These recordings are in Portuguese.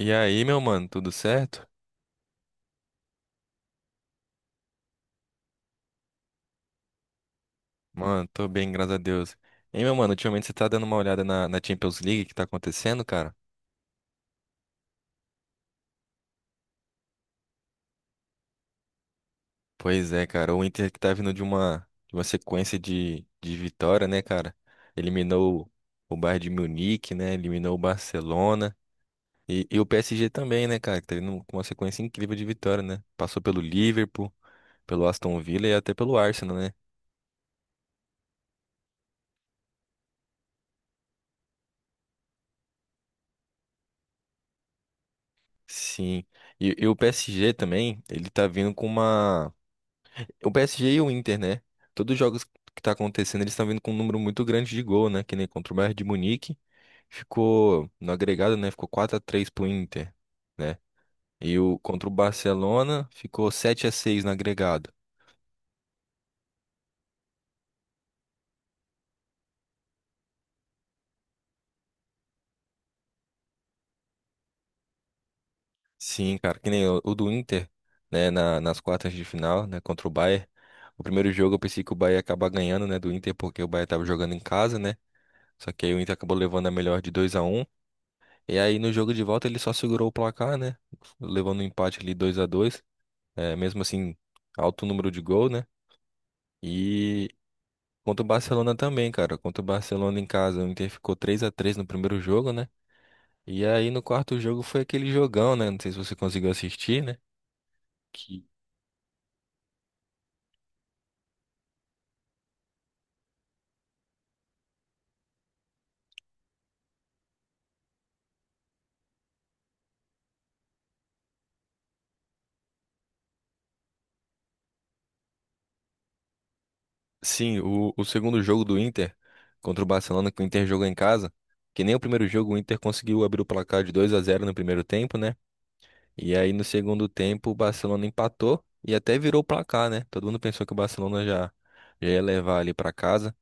E aí, meu mano, tudo certo? Mano, tô bem, graças a Deus. Hein, meu mano, ultimamente você tá dando uma olhada na Champions League que tá acontecendo, cara? Pois é, cara, o Inter que tá vindo de uma sequência de vitória, né, cara? Eliminou o Bayern de Munique, né? Eliminou o Barcelona. E o PSG também, né, cara? Que tá vindo com uma sequência incrível de vitória, né? Passou pelo Liverpool, pelo Aston Villa e até pelo Arsenal, né? Sim. E o PSG também, ele tá vindo com uma. O PSG e o Inter, né? Todos os jogos que tá acontecendo, eles estão vindo com um número muito grande de gol, né? Que nem contra o Bayern de Munique, ficou no agregado, né? Ficou 4x3 pro Inter, né? E o contra o Barcelona ficou 7-6 no agregado. Sim, cara, que nem o do Inter, né? Nas quartas de final, né? Contra o Bayern. O primeiro jogo eu pensei que o Bayern ia acabar ganhando, né? Do Inter, porque o Bayern tava jogando em casa, né? Só que aí o Inter acabou levando a melhor de 2-1. E aí no jogo de volta ele só segurou o placar, né? Levando um empate ali 2-2, é, mesmo assim alto número de gol, né? E contra o Barcelona também, cara, contra o Barcelona em casa, o Inter ficou 3-3 no primeiro jogo, né? E aí no quarto jogo foi aquele jogão, né? Não sei se você conseguiu assistir, né? Que sim, o segundo jogo do Inter contra o Barcelona que o Inter jogou em casa, que nem o primeiro jogo o Inter conseguiu abrir o placar de 2-0 no primeiro tempo, né? E aí no segundo tempo o Barcelona empatou e até virou o placar, né? Todo mundo pensou que o Barcelona já, já ia levar ali pra casa.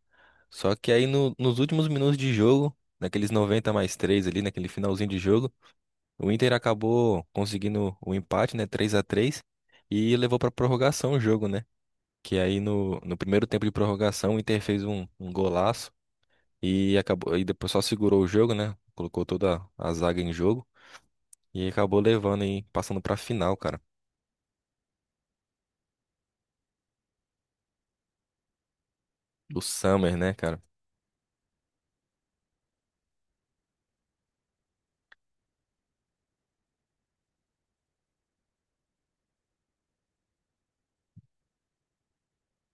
Só que aí nos últimos minutos de jogo, naqueles 90+3 ali, naquele finalzinho de jogo, o Inter acabou conseguindo o empate, né? 3-3, e levou pra prorrogação o jogo, né? Que aí no, no primeiro tempo de prorrogação o Inter fez um, um golaço e acabou e depois só segurou o jogo, né? Colocou toda a zaga em jogo e acabou levando e passando pra final, cara. Do Summer, né, cara?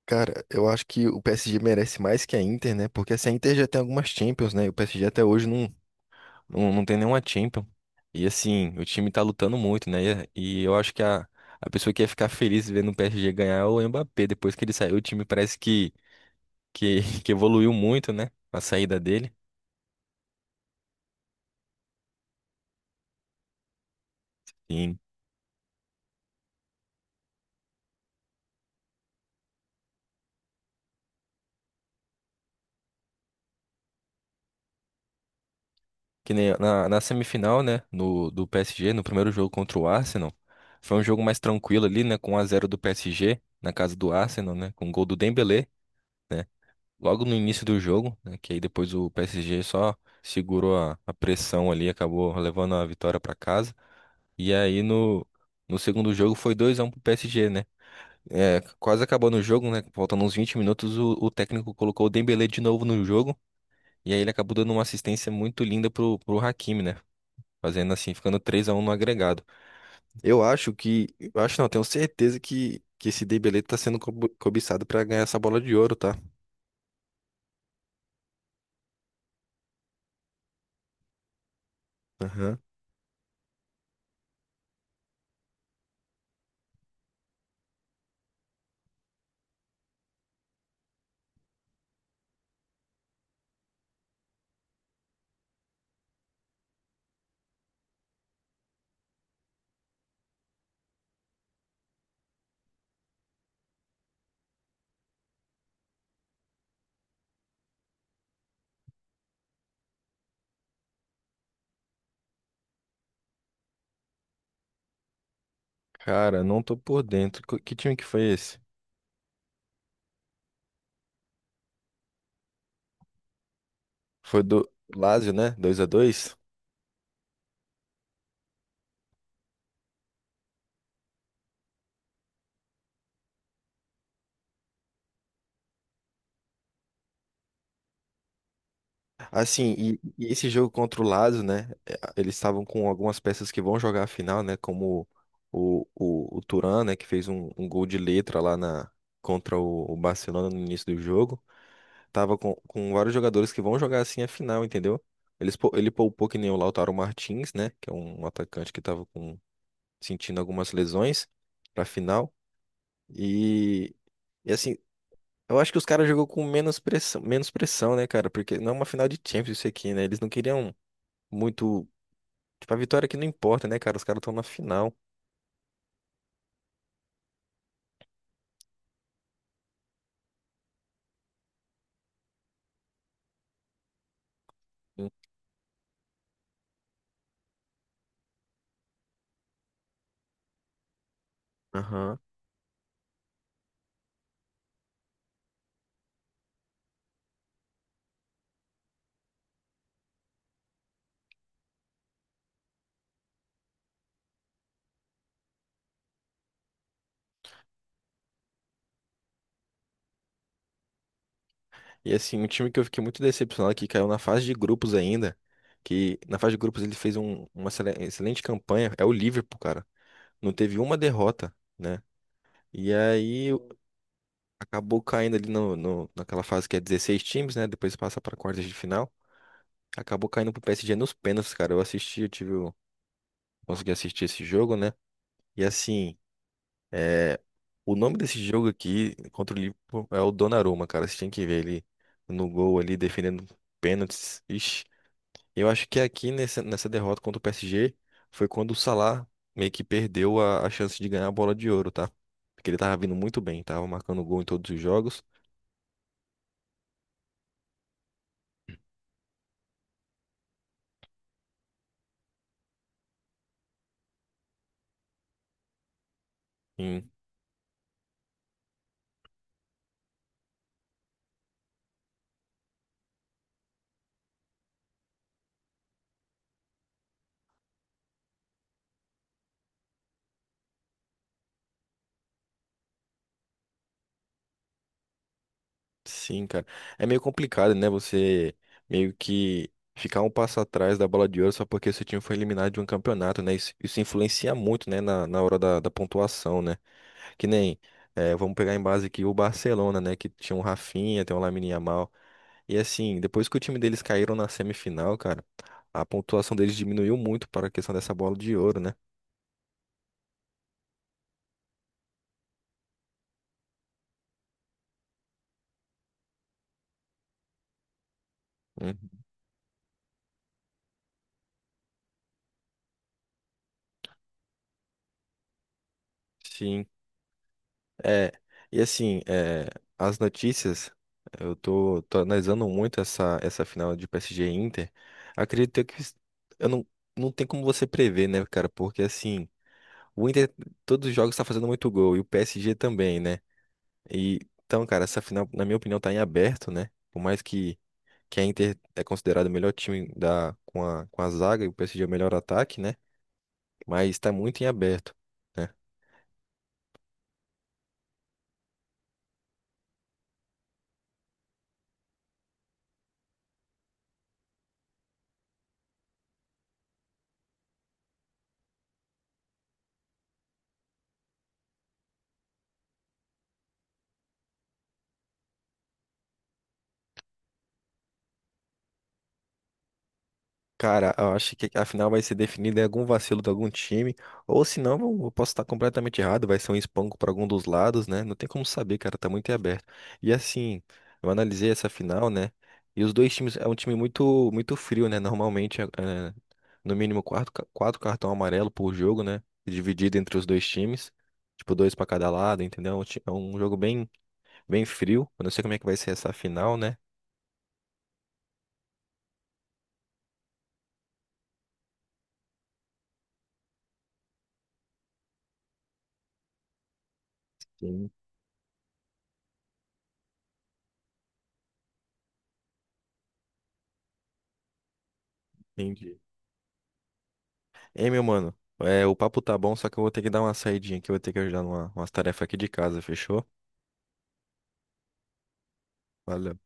Cara, eu acho que o PSG merece mais que a Inter, né? Porque assim, a Inter já tem algumas Champions, né? E o PSG até hoje não, não, não tem nenhuma Champions. E assim, o time tá lutando muito, né? E eu acho que a pessoa que ia ficar feliz vendo o PSG ganhar é o Mbappé. Depois que ele saiu, o time parece que, que evoluiu muito, né? A saída dele. Sim. Que nem na, na semifinal, né? No, do PSG, no primeiro jogo contra o Arsenal. Foi um jogo mais tranquilo ali, né? Com 1 a zero do PSG, na casa do Arsenal, né? Com o gol do Dembélé, né? Logo no início do jogo, né? Que aí depois o PSG só segurou a pressão ali, acabou levando a vitória para casa. E aí no, no segundo jogo foi 2-1 pro PSG, né? É, quase acabando o jogo, né? Faltando uns 20 minutos, o técnico colocou o Dembélé de novo no jogo. E aí ele acabou dando uma assistência muito linda pro, pro Hakimi, né? Fazendo assim, ficando 3-1 no agregado. Eu acho que. Eu acho não, tenho certeza que esse Dembélé tá sendo cobiçado para ganhar essa bola de ouro, tá? Aham. Cara, não tô por dentro. Que time que foi esse? Foi do Lazio, né? 2-2. Assim, e esse jogo contra o Lazio, né? É, eles estavam com algumas peças que vão jogar a final, né? Como o Thuram, né? Que fez um, um gol de letra lá na, contra o Barcelona no início do jogo. Tava com vários jogadores que vão jogar assim a final, entendeu? Eles, ele poupou que nem o Lautaro Martins, né? Que é um atacante que tava com, sentindo algumas lesões pra final. E. E assim, eu acho que os caras jogou com menos pressão, né, cara? Porque não é uma final de Champions isso aqui, né? Eles não queriam muito. Tipo, a vitória aqui não importa, né, cara? Os caras estão na final. Hum. Aham. E assim, um time que eu fiquei muito decepcionado que caiu na fase de grupos ainda. Que na fase de grupos ele fez uma excelente campanha. É o Liverpool, cara. Não teve uma derrota, né? E aí acabou caindo ali no, naquela fase que é 16 times, né? Depois passa para quartas de final. Acabou caindo pro PSG nos pênaltis, cara. Eu assisti, eu tive. Consegui assistir esse jogo, né? E assim, é, o nome desse jogo aqui contra o Liverpool é o Donnarumma, cara. Você tem que ver ele no gol ali, defendendo pênaltis. Ixi, eu acho que aqui nessa, nessa derrota contra o PSG foi quando o Salah meio que perdeu a chance de ganhar a bola de ouro, tá? Porque ele tava vindo muito bem, tava marcando gol em todos os jogos. Sim, cara. É meio complicado, né? Você meio que ficar um passo atrás da bola de ouro só porque seu time foi eliminado de um campeonato, né? Isso influencia muito, né? Na hora da, da pontuação, né? Que nem, vamos pegar em base aqui o Barcelona, né? Que tinha um Rafinha, tem um Lamine Yamal. E assim, depois que o time deles caíram na semifinal, cara, a pontuação deles diminuiu muito para a questão dessa bola de ouro, né? Hum. Sim. É, e assim, as notícias, eu tô, tô analisando muito essa, essa final de PSG e Inter. Acredito que eu não, não tem como você prever, né, cara? Porque assim, o Inter, todos os jogos tá fazendo muito gol, e o PSG também, né? E, então, cara, essa final, na minha opinião, tá em aberto, né? Por mais que a Inter é considerada o melhor time da, com a zaga e o PSG é o melhor ataque, né? Mas tá muito em aberto, né? Cara, eu acho que a final vai ser definida em algum vacilo de algum time, ou se não, eu posso estar completamente errado, vai ser um espanco para algum dos lados, né? Não tem como saber, cara, tá muito em aberto. E assim, eu analisei essa final, né? E os dois times, é um time muito muito frio, né? Normalmente, no mínimo quatro, 4 cartão amarelo por jogo, né? Dividido entre os dois times, tipo dois para cada lado, entendeu? É um é um jogo bem bem frio. Eu não sei como é que vai ser essa final, né? Sim, entendi. Ei, meu mano, o papo tá bom, só que eu vou ter que dar uma saidinha aqui, eu vou ter que ajudar numa, umas tarefas aqui de casa, fechou? Valeu.